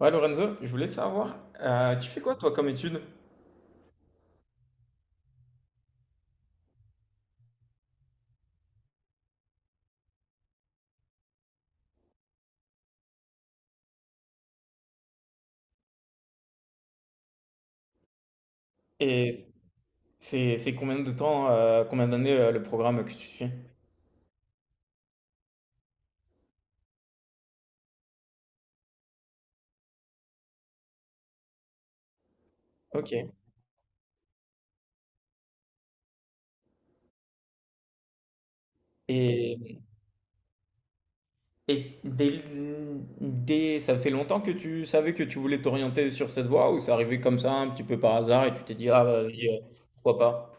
Ouais, Lorenzo, je voulais savoir, tu fais quoi toi comme étude? Et c'est combien de temps, combien d'années le programme que tu suis? Ok. Et, et dès, Ça fait longtemps que tu savais que tu voulais t'orienter sur cette voie ou c'est arrivé comme ça un petit peu par hasard et tu t'es dit, ah vas-y, pourquoi pas?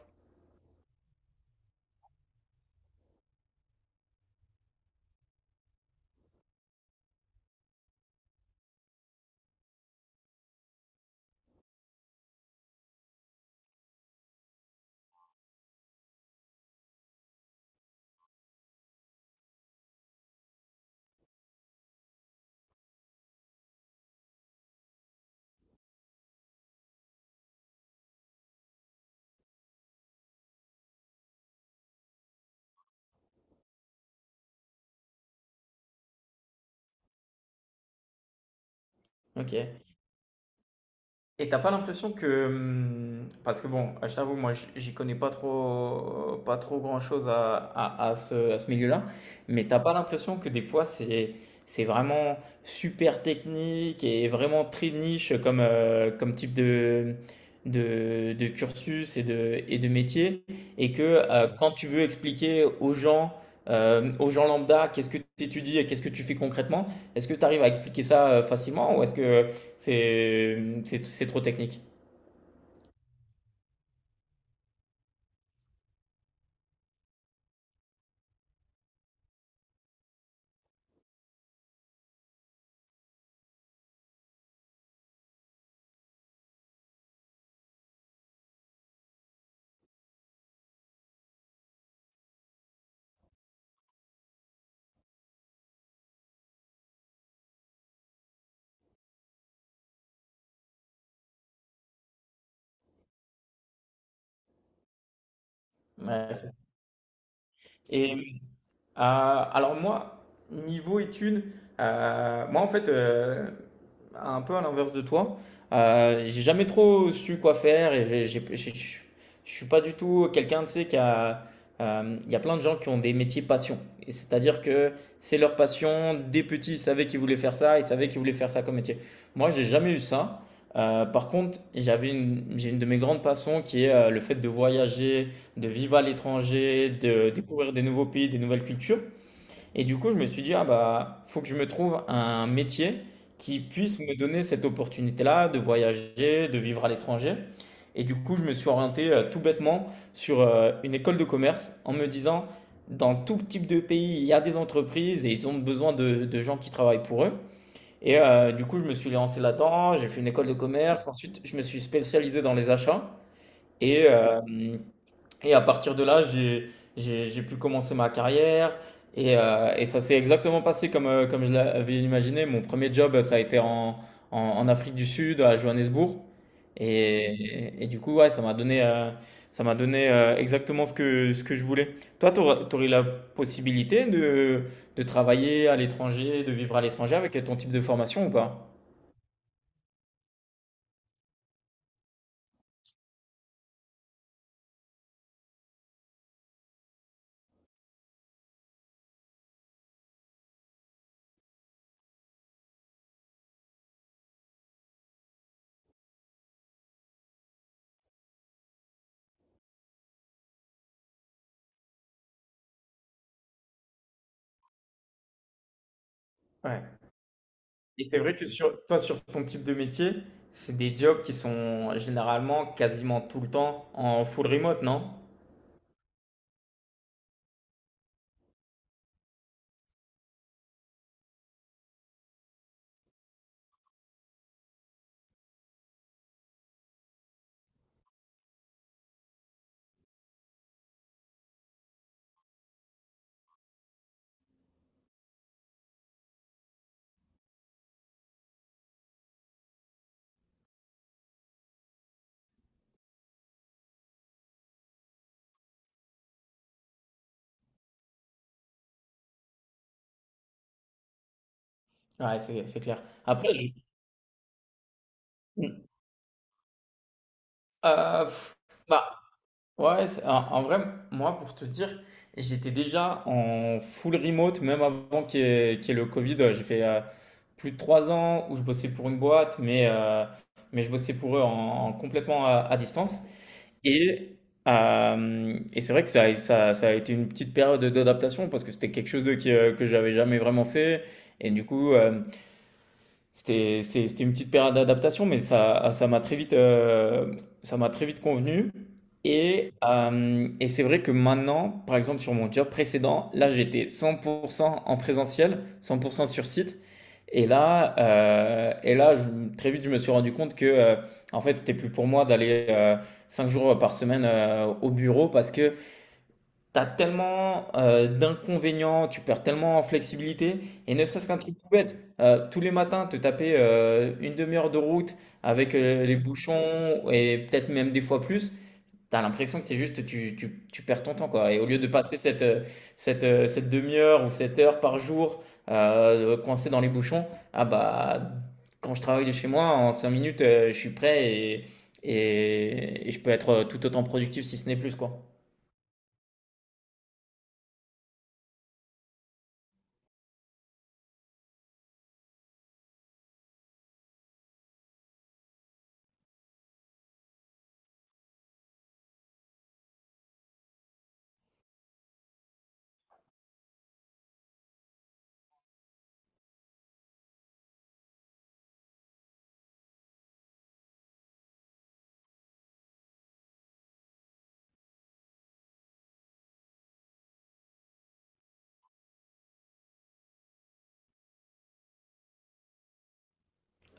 Ok. Et t'as pas l'impression que, parce que bon, je t'avoue, moi, j'y connais pas trop, pas trop grand-chose à ce milieu-là, mais t'as pas l'impression que des fois, c'est vraiment super technique et vraiment très niche comme, comme type de cursus et de métier, et que quand tu veux expliquer aux gens lambda, qu'est-ce que tu étudies et qu'est-ce que tu fais concrètement, est-ce que tu arrives à expliquer ça facilement ou est-ce que c'est trop technique. Ouais. Et alors moi, niveau études, moi en fait, un peu à l'inverse de toi, j'ai jamais trop su quoi faire et je suis pas du tout quelqu'un, tu sais, qui a... Il y a plein de gens qui ont des métiers passion. Et c'est-à-dire que c'est leur passion. Des petits, ils savaient qu'ils voulaient faire ça, ils savaient qu'ils voulaient faire ça comme métier. Moi, j'ai jamais eu ça. Par contre, j'ai une de mes grandes passions qui est le fait de voyager, de vivre à l'étranger, de découvrir des nouveaux pays, des nouvelles cultures. Et du coup, je me suis dit, ah bah, faut que je me trouve un métier qui puisse me donner cette opportunité-là de voyager, de vivre à l'étranger. Et du coup, je me suis orienté tout bêtement sur une école de commerce en me disant, dans tout type de pays, il y a des entreprises et ils ont besoin de gens qui travaillent pour eux. Et du coup, je me suis lancé là-dedans, j'ai fait une école de commerce, ensuite je me suis spécialisé dans les achats. Et euh, et à partir de là, j'ai pu commencer ma carrière. Et ça s'est exactement passé comme, comme je l'avais imaginé. Mon premier job, ça a été en Afrique du Sud, à Johannesburg. Et du coup, ouais, ça m'a donné exactement ce que je voulais. Toi, tu aurais, la possibilité de travailler à l'étranger, de vivre à l'étranger avec ton type de formation ou pas? Ouais. Et c'est vrai que sur toi, sur ton type de métier, c'est des jobs qui sont généralement quasiment tout le temps en full remote, non? Ouais, c'est clair. Après, je... Euh, pff, bah, ouais, en, en vrai, moi, pour te dire, j'étais déjà en full remote, même avant qu'il y ait le Covid. Ouais, j'ai fait plus de trois ans où je bossais pour une boîte, mais je bossais pour eux en complètement à distance. Et, et c'est vrai que ça a été une petite période d'adaptation parce que c'était quelque chose que j'avais jamais vraiment fait. Et du coup, c'était, c'était une petite période d'adaptation, mais ça m'a très vite, ça m'a très vite convenu. Et c'est vrai que maintenant, par exemple, sur mon job précédent, là, j'étais 100% en présentiel, 100% sur site. Et là, et très vite, je me suis rendu compte que, en fait, c'était plus pour moi d'aller cinq jours par semaine au bureau parce que t'as tellement, d'inconvénients, tu perds tellement en flexibilité et ne serait-ce qu'un truc tout bête, tous les matins te taper, 1/2 heure de route avec, les bouchons et peut-être même des fois plus, t'as l'impression que c'est juste tu perds ton temps, quoi et au lieu de passer cette, cette demi heure ou cette heure par jour, coincé dans les bouchons, ah bah, quand je travaille de chez moi en 5 minutes, je suis prêt et et je peux être, tout autant productif si ce n'est plus, quoi.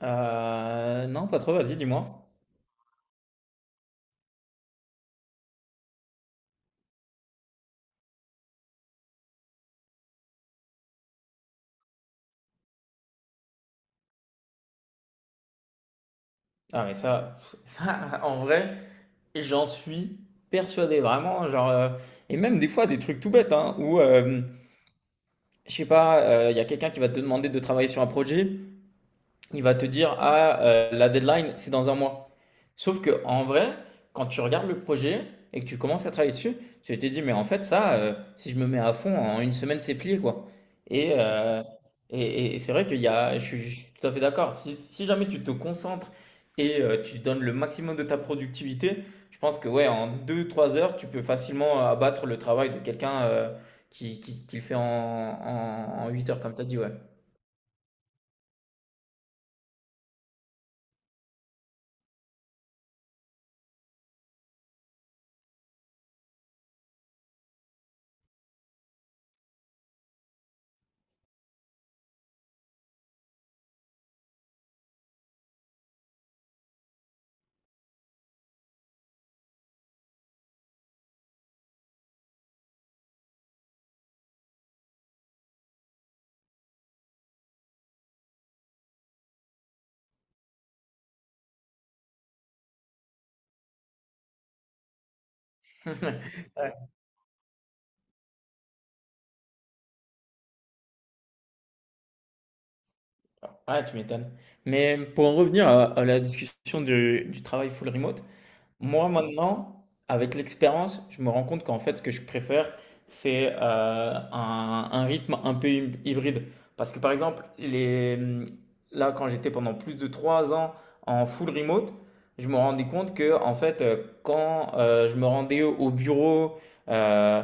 Non, pas trop, vas-y, dis-moi. Ah mais ça en vrai, j'en suis persuadé vraiment genre, et même des fois des trucs tout bêtes, hein, où, je sais pas, il y a quelqu'un qui va te demander de travailler sur un projet il va te dire, ah, la deadline, c'est dans un mois. Sauf que en vrai, quand tu regardes le projet et que tu commences à travailler dessus, tu te dis, mais en fait, ça, si je me mets à fond, en une semaine, c'est plié, quoi. Et, euh, et, et c'est vrai qu'il y a, je suis tout à fait d'accord. Si jamais tu te concentres et tu donnes le maximum de ta productivité, je pense que, ouais, en deux trois heures, tu peux facilement abattre le travail de quelqu'un qui le fait en 8 heures, comme tu as dit, ouais. Ah, tu m'étonnes. Mais pour en revenir à la discussion du travail full remote, moi, maintenant, avec l'expérience, je me rends compte qu'en fait, ce que je préfère, c'est un rythme un peu hybride. Parce que par exemple, là, quand j'étais pendant plus de trois ans en full remote, je me rendais compte que, en fait, quand je me rendais au bureau euh,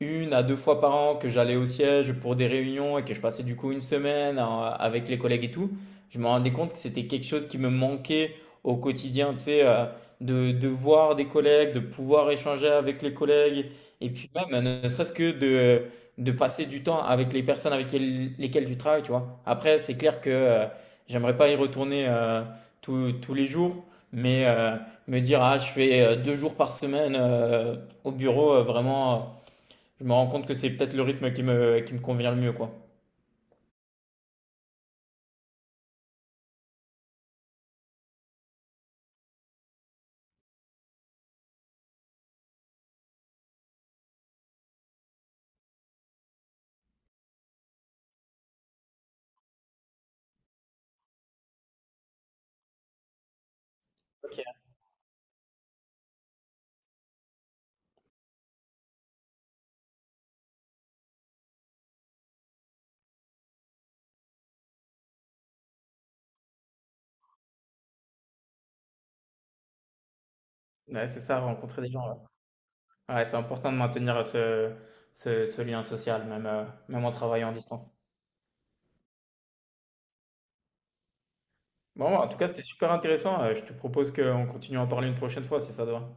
une à deux fois par an, que j'allais au siège pour des réunions et que je passais du coup une semaine avec les collègues et tout, je me rendais compte que c'était quelque chose qui me manquait au quotidien, tu sais. De voir des collègues, de pouvoir échanger avec les collègues, et puis même, ne serait-ce que de passer du temps avec les personnes avec lesquelles tu travailles, tu vois. Après, c'est clair que j'aimerais pas y retourner tous les jours, mais me dire, ah, je fais deux jours par semaine au bureau, vraiment, je me rends compte que c'est peut-être le rythme qui me convient le mieux, quoi. Ok, ouais, c'est ça, rencontrer des gens. Ouais, ouais, c'est important de maintenir ce, ce lien social, même, même en travaillant en distance. Bon, en tout cas, c'était super intéressant. Je te propose qu'on continue à en parler une prochaine fois, si ça te va.